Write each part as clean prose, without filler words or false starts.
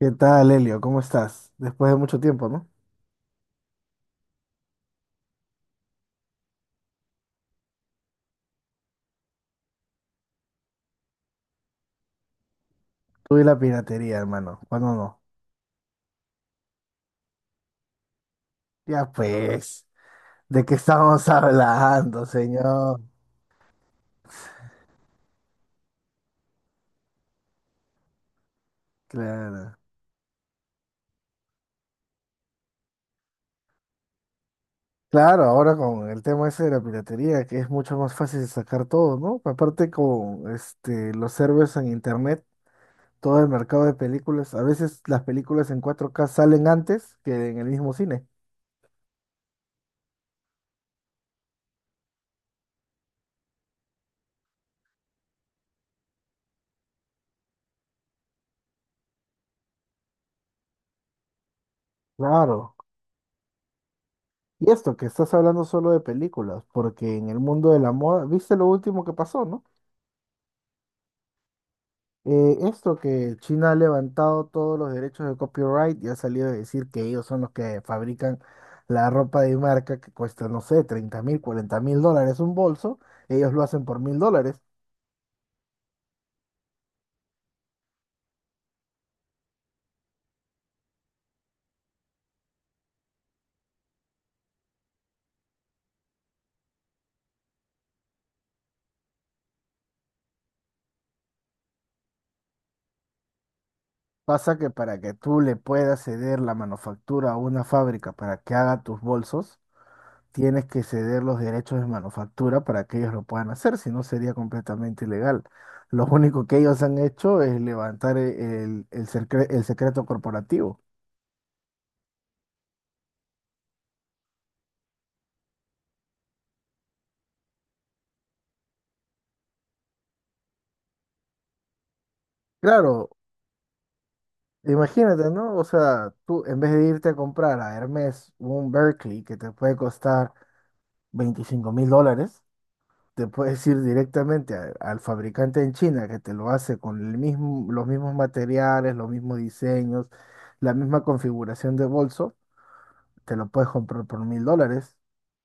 ¿Qué tal, Elio? ¿Cómo estás? Después de mucho tiempo, ¿no? Tú y la piratería, hermano. ¿Cuándo no? Ya pues, ¿de qué estamos hablando, señor? Claro. Claro, ahora con el tema ese de la piratería, que es mucho más fácil de sacar todo, ¿no? Aparte con los servers en internet, todo el mercado de películas, a veces las películas en 4K salen antes que en el mismo cine. Claro. Y esto, que estás hablando solo de películas, porque en el mundo de la moda, ¿viste lo último que pasó, no? Esto que China ha levantado todos los derechos de copyright y ha salido a decir que ellos son los que fabrican la ropa de marca que cuesta, no sé, 30.000, 40.000 dólares un bolso, ellos lo hacen por 1.000 dólares. Pasa que para que tú le puedas ceder la manufactura a una fábrica para que haga tus bolsos, tienes que ceder los derechos de manufactura para que ellos lo puedan hacer, si no sería completamente ilegal. Lo único que ellos han hecho es levantar el secreto corporativo. Claro. Imagínate, ¿no? O sea, tú en vez de irte a comprar a Hermes un Berkeley que te puede costar 25.000 dólares, te puedes ir directamente al fabricante en China que te lo hace con el mismo, los mismos materiales, los mismos diseños, la misma configuración de bolso, te lo puedes comprar por 1.000 dólares.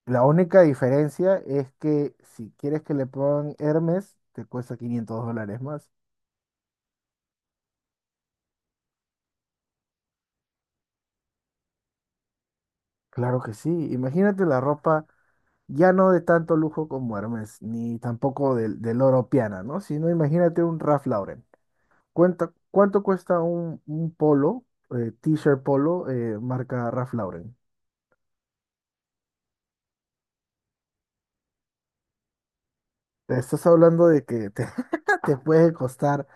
La única diferencia es que si quieres que le pongan Hermes, te cuesta 500 dólares más. Claro que sí. Imagínate la ropa. Ya no de tanto lujo como Hermes, ni tampoco del oro piana, ¿no? Sino imagínate un Ralph Lauren. Cuenta, ¿cuánto cuesta un polo, t-shirt polo, marca Ralph Lauren? Te estás hablando de que te, te puede costar,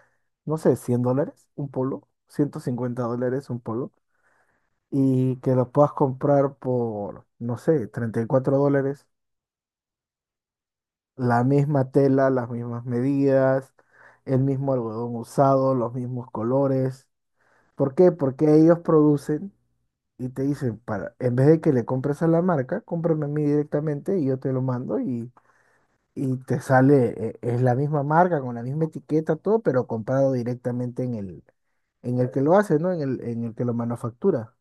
no sé, 100 dólares un polo, 150 dólares un polo, y que lo puedas comprar por, no sé, 34 dólares, la misma tela, las mismas medidas, el mismo algodón usado, los mismos colores. ¿Por qué? Porque ellos producen y te dicen, para, en vez de que le compres a la marca, cómprame a mí directamente y yo te lo mando y te sale, es la misma marca, con la misma etiqueta, todo, pero comprado directamente en el que lo hace, ¿no? En el que lo manufactura.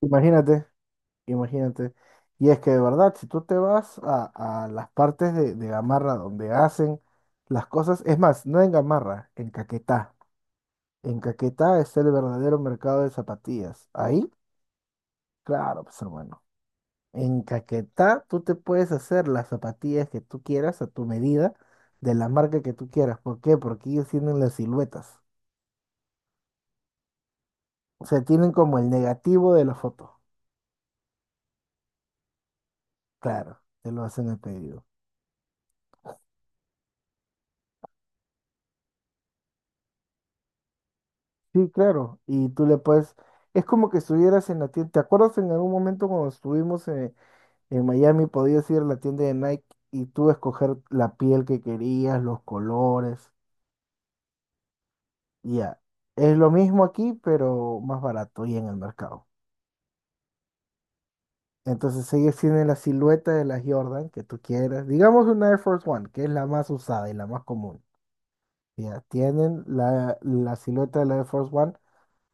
Imagínate, imagínate. Y es que de verdad, si tú te vas a, las partes de Gamarra donde hacen las cosas, es más, no en Gamarra, en Caquetá. En Caquetá está el verdadero mercado de zapatillas. Ahí claro, pues hermano. En Caquetá tú te puedes hacer las zapatillas que tú quieras a tu medida, de la marca que tú quieras. ¿Por qué? Porque ellos tienen las siluetas. O sea, tienen como el negativo de la foto. Claro, te lo hacen el pedido. Sí, claro. Y tú le puedes... Es como que estuvieras en la tienda. ¿Te acuerdas en algún momento cuando estuvimos en Miami, podías ir a la tienda de Nike y tú escoger la piel que querías, los colores? Ya. Es lo mismo aquí, pero más barato y en el mercado. Entonces ellos tienen la silueta de la Jordan que tú quieras. Digamos una Air Force One, que es la más usada y la más común. Ya, tienen la silueta de la Air Force One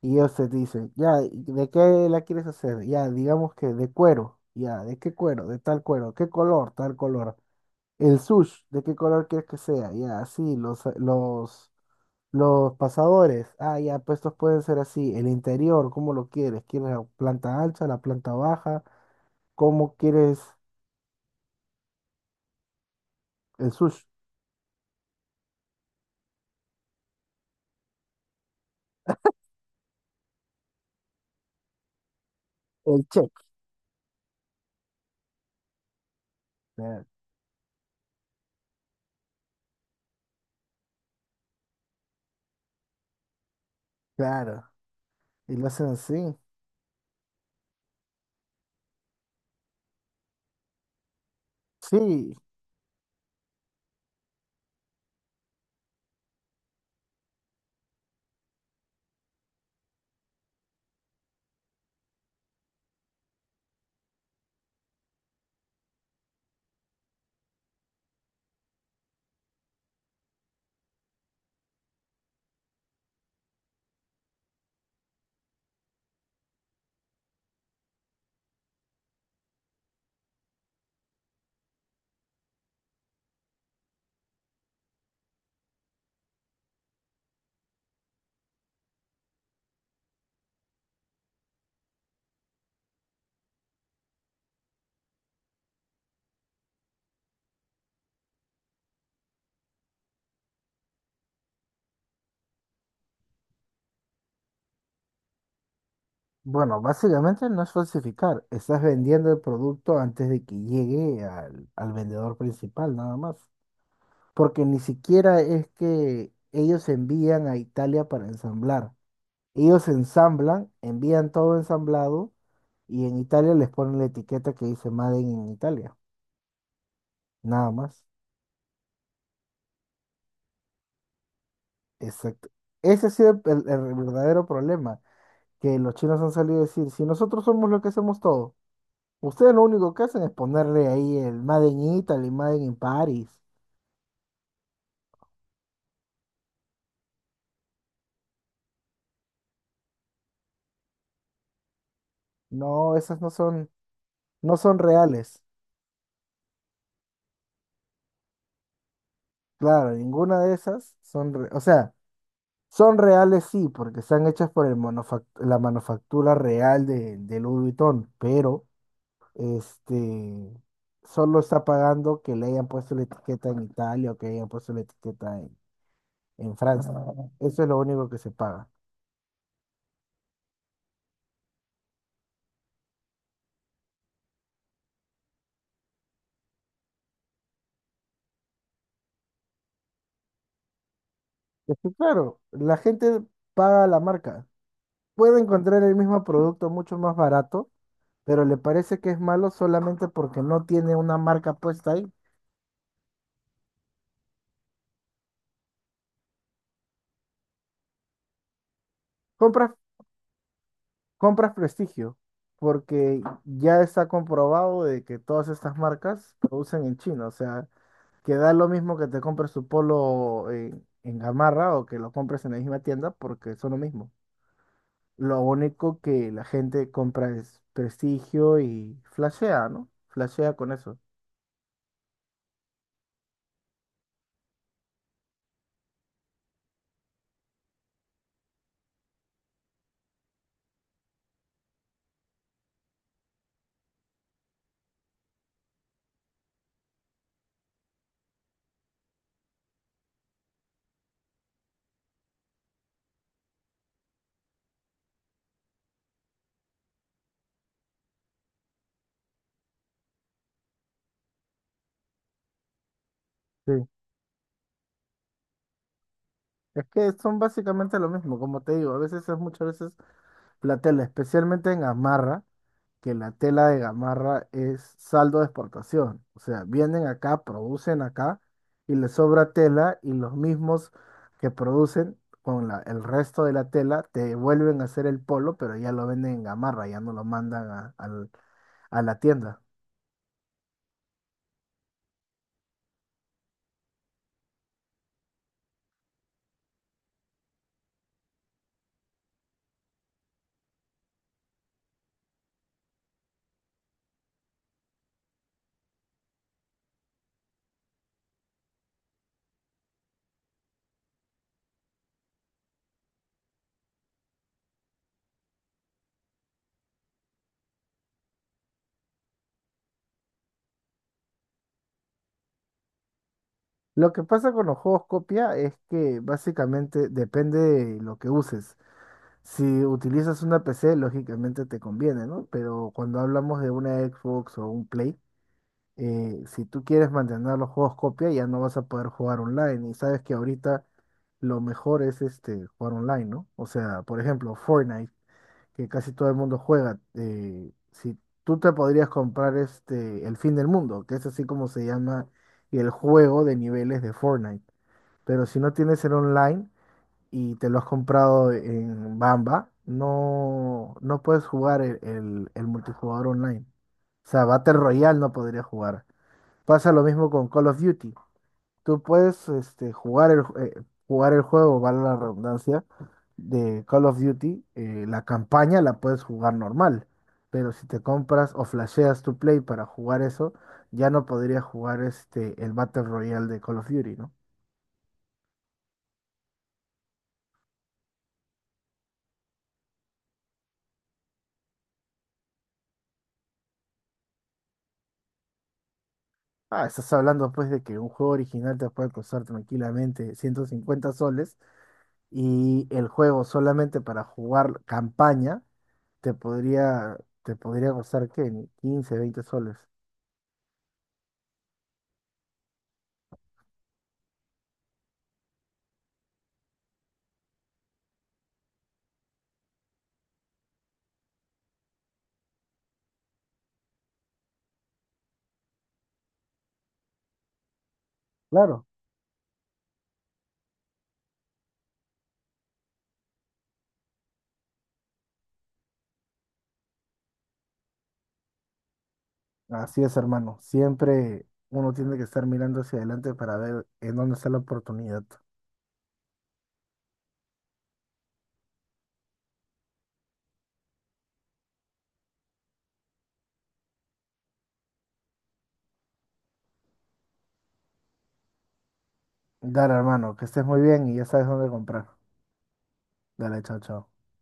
y ellos te dicen, ya, ¿de qué la quieres hacer? Ya, digamos que de cuero. Ya, ¿de qué cuero? De tal cuero. ¿Qué color? Tal color. El sush, ¿de qué color quieres que sea? Ya, así, los pasadores. Ah, ya, pues estos pueden ser así. El interior, ¿cómo lo quieres? ¿Quieres la planta alta, la planta baja? ¿Cómo quieres? El sushi, el check, claro, claro. Y lo hacen así. Sí, bueno, básicamente no es falsificar, estás vendiendo el producto antes de que llegue al, al vendedor principal, nada más. Porque ni siquiera es que ellos envían a Italia para ensamblar. Ellos ensamblan, envían todo ensamblado y en Italia les ponen la etiqueta que dice Made in Italia, nada más. Exacto. Ese ha sido el verdadero problema que los chinos han salido a decir, si nosotros somos los que hacemos todo, ustedes lo único que hacen es ponerle ahí el Made in Italy, Made in Paris. No, esas no son, no son reales. Claro, ninguna de esas son, o sea, son reales sí, porque están hechas por el la manufactura real de Louis Vuitton, pero este solo está pagando que le hayan puesto la etiqueta en Italia o que hayan puesto la etiqueta en Francia. Eso es lo único que se paga. Es que claro, la gente paga la marca. Puede encontrar el mismo producto mucho más barato, pero le parece que es malo solamente porque no tiene una marca puesta ahí. Compras, compras prestigio, porque ya está comprobado de que todas estas marcas producen en China. O sea, que da lo mismo que te compres tu polo en Gamarra o que lo compres en la misma tienda, porque son lo mismo. Lo único que la gente compra es prestigio y flashea, ¿no? Flashea con eso. Sí. Es que son básicamente lo mismo, como te digo, a veces es muchas veces la tela, especialmente en gamarra, que la tela de gamarra es saldo de exportación. O sea, vienen acá, producen acá y les sobra tela y los mismos que producen con el resto de la tela te vuelven a hacer el polo, pero ya lo venden en gamarra, ya no lo mandan a la tienda. Lo que pasa con los juegos copia es que básicamente depende de lo que uses. Si utilizas una PC, lógicamente te conviene, ¿no? Pero cuando hablamos de una Xbox o un Play, si tú quieres mantener los juegos copia, ya no vas a poder jugar online. Y sabes que ahorita lo mejor es jugar online, ¿no? O sea, por ejemplo, Fortnite, que casi todo el mundo juega. Si tú te podrías comprar El Fin del Mundo, que es así como se llama el juego de niveles de Fortnite. Pero si no tienes el online, y te lo has comprado en Bamba, no puedes jugar el multijugador online. O sea, Battle Royale no podría jugar. Pasa lo mismo con Call of Duty. Tú puedes jugar jugar el juego, vale la redundancia, de Call of Duty. La campaña la puedes jugar normal. Pero si te compras o flasheas tu play para jugar eso, ya no podrías jugar el Battle Royale de Call of Duty, ¿no? Ah, estás hablando pues de que un juego original te puede costar tranquilamente 150 soles y el juego solamente para jugar campaña te podría, te podría costar ¿qué? Ni 15, 20 soles. Claro, así es, hermano. Siempre uno tiene que estar mirando hacia adelante para ver en dónde está la oportunidad. Dale, hermano, que estés muy bien y ya sabes dónde comprar. Dale, chao, chao.